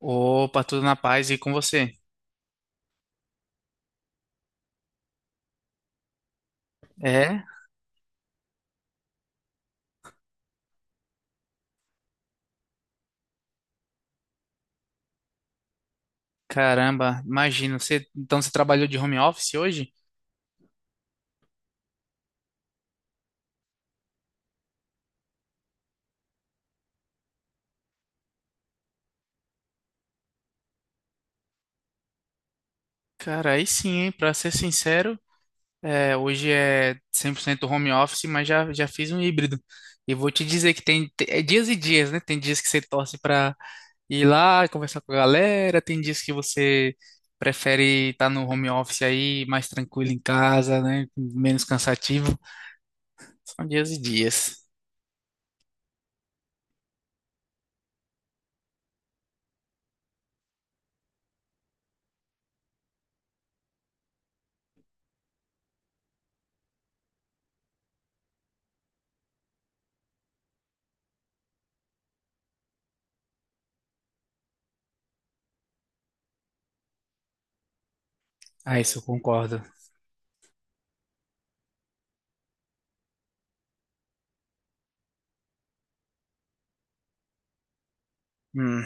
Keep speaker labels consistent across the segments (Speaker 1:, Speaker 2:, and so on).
Speaker 1: Opa, tudo na paz, e com você? É? Caramba, imagino. Então você trabalhou de home office hoje? Cara, aí sim, hein? Pra ser sincero, hoje é 100% home office, mas já fiz um híbrido. E vou te dizer que é dias e dias, né? Tem dias que você torce pra ir lá conversar com a galera, tem dias que você prefere estar no home office aí, mais tranquilo em casa, né? Menos cansativo. São dias e dias. Ah, isso eu concordo. Hum,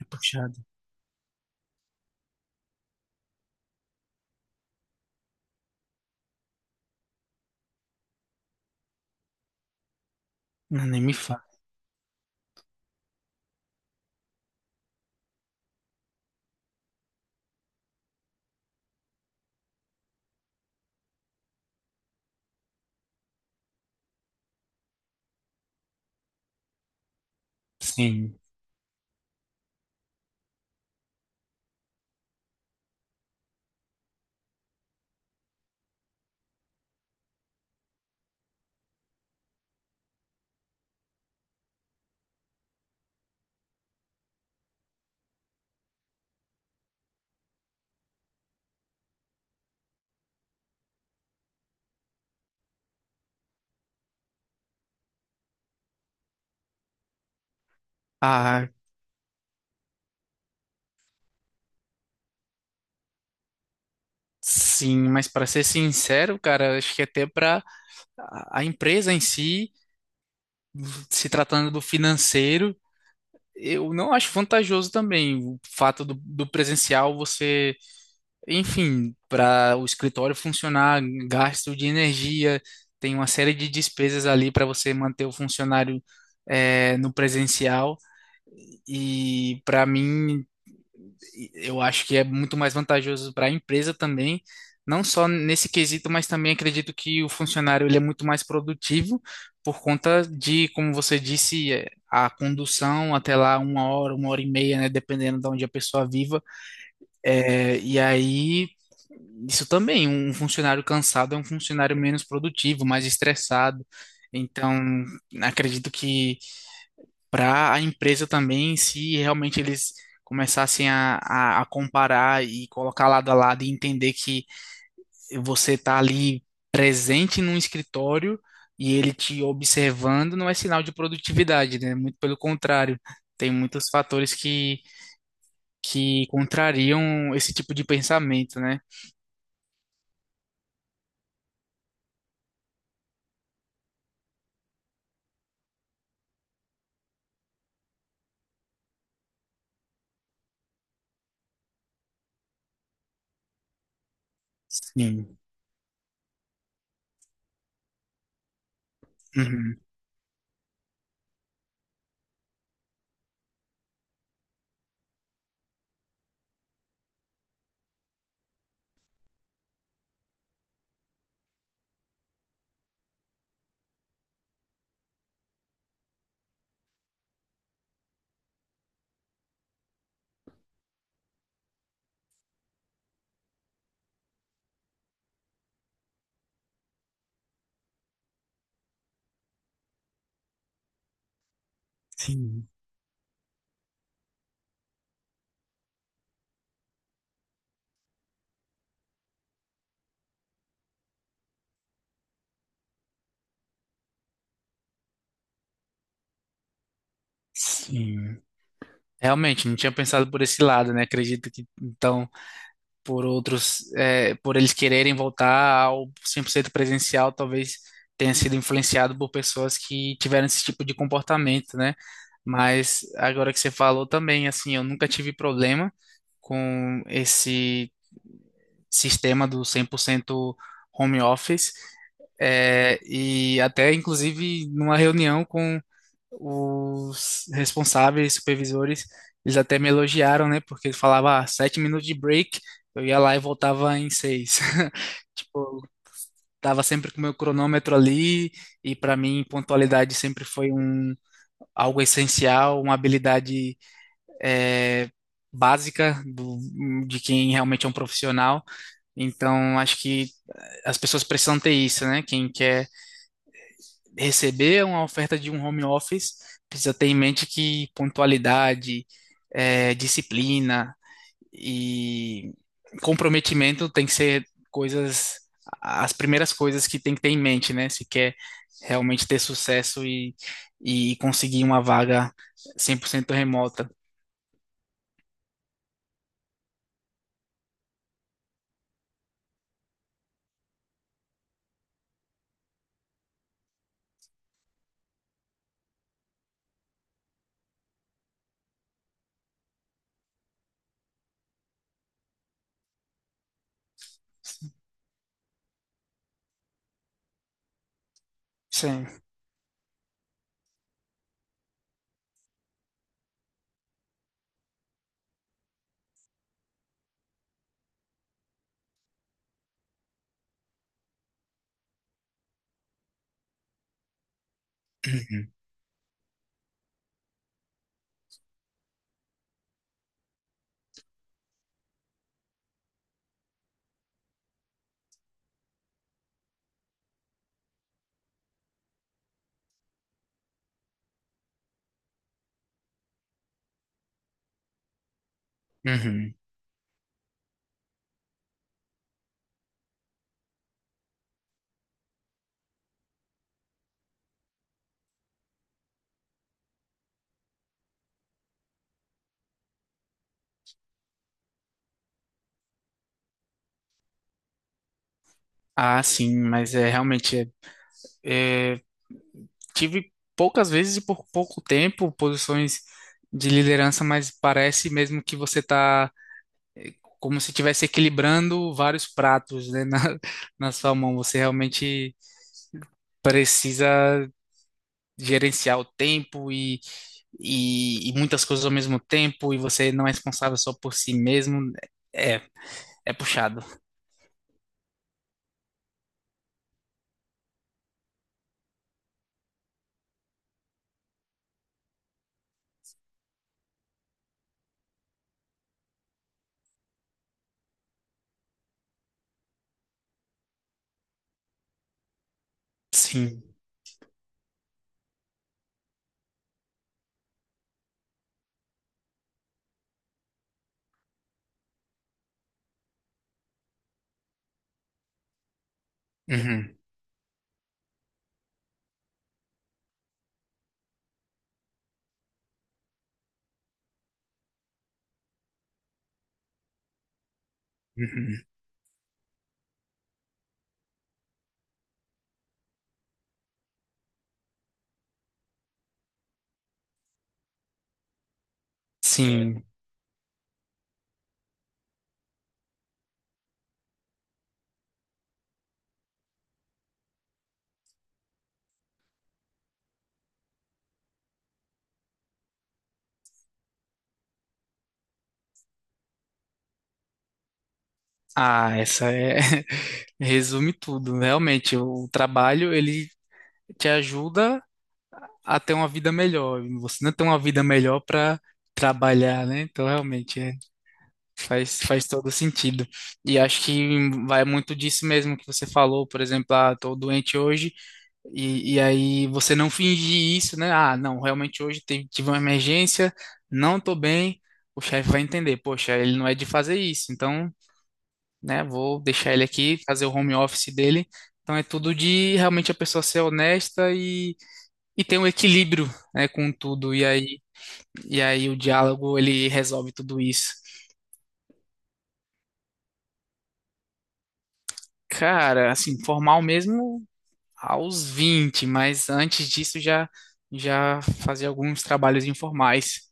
Speaker 1: é puxado. Não, nem me fala. Sim. Ah, sim, mas para ser sincero, cara, acho que até para a empresa em si, se tratando do financeiro, eu não acho vantajoso também o fato do presencial você, enfim, para o escritório funcionar, gasto de energia, tem uma série de despesas ali para você manter o funcionário, no presencial. E para mim, eu acho que é muito mais vantajoso para a empresa também, não só nesse quesito, mas também acredito que o funcionário ele é muito mais produtivo por conta de, como você disse, é, a condução até lá uma hora e meia, né, dependendo de onde a pessoa viva. É, e aí, isso também, um funcionário cansado é um funcionário menos produtivo, mais estressado. Então, acredito que para a empresa também, se realmente eles começassem a comparar e colocar lado a lado e entender que você está ali presente num escritório e ele te observando, não é sinal de produtividade, né? Muito pelo contrário, tem muitos fatores que contrariam esse tipo de pensamento, né? Sim. Uhum. Sim. Sim. Realmente, não tinha pensado por esse lado, né? Acredito que então, por outros, é, por eles quererem voltar ao 100% presencial, talvez tenha sido influenciado por pessoas que tiveram esse tipo de comportamento, né? Mas agora que você falou também, assim, eu nunca tive problema com esse sistema do 100% home office. É, e até, inclusive, numa reunião com os responsáveis, supervisores, eles até me elogiaram, né? Porque eles falavam, ah, sete minutos de break, eu ia lá e voltava em seis. Tipo, tava sempre com o meu cronômetro ali, e para mim, pontualidade sempre foi um, algo essencial, uma habilidade, eh, básica do, de quem realmente é um profissional. Então, acho que as pessoas precisam ter isso, né? Quem quer receber uma oferta de um home office, precisa ter em mente que pontualidade, disciplina e comprometimento tem que ser coisas, as primeiras coisas que tem que ter em mente, né? Se quer realmente ter sucesso e conseguir uma vaga 100% remota. Sim. Uhum. Uhum. Ah, sim, mas é realmente. É, tive poucas vezes e por pouco tempo posições de liderança, mas parece mesmo que você está como se estivesse equilibrando vários pratos, né, na sua mão. Você realmente precisa gerenciar o tempo e muitas coisas ao mesmo tempo, e você não é responsável só por si mesmo. É, é puxado. Sim. Uhum, uhum. Sim. Ah, essa é. Resume tudo, realmente. O trabalho, ele te ajuda a ter uma vida melhor. E você não tem uma vida melhor para trabalhar, né? Então, realmente, é, faz todo sentido. E acho que vai muito disso mesmo que você falou, por exemplo, ah, tô doente hoje, e aí você não fingir isso, né? Ah, não, realmente tive uma emergência, não tô bem, o chefe vai entender, poxa, ele não é de fazer isso, então, né, vou deixar ele aqui, fazer o home office dele. Então é tudo de realmente a pessoa ser honesta e tem um equilíbrio, né, com tudo, e aí o diálogo ele resolve tudo isso. Cara, assim, formal mesmo aos 20, mas antes disso já fazia alguns trabalhos informais.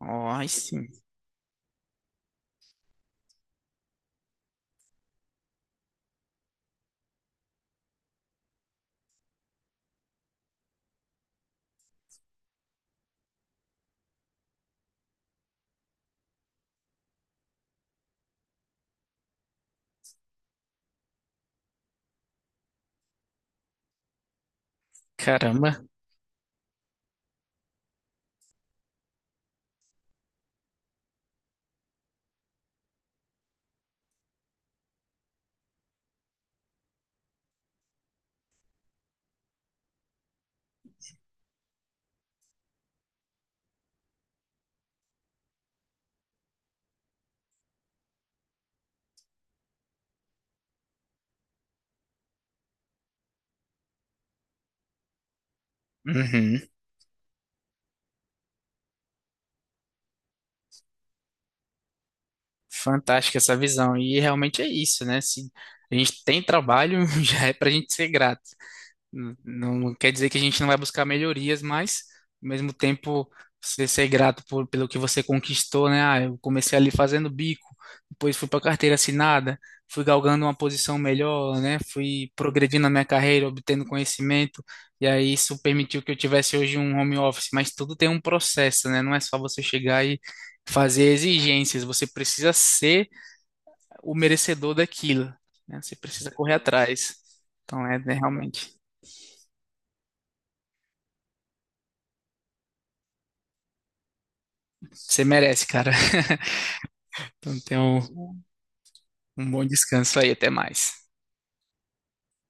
Speaker 1: Ó, aí sim, caramba. Uhum. Fantástica essa visão. E realmente é isso, né? Se a gente tem trabalho, já é pra gente ser grato. Não, não quer dizer que a gente não vai buscar melhorias, mas ao mesmo tempo você ser grato por, pelo que você conquistou, né? Ah, eu comecei ali fazendo bico, depois fui para carteira assinada, fui galgando uma posição melhor, né? Fui progredindo na minha carreira, obtendo conhecimento, e aí isso permitiu que eu tivesse hoje um home office, mas tudo tem um processo, né? Não é só você chegar e fazer exigências, você precisa ser o merecedor daquilo, né? Você precisa correr atrás. Então é, é realmente. Você merece, cara. Então, tenha um, um bom descanso aí. Até mais.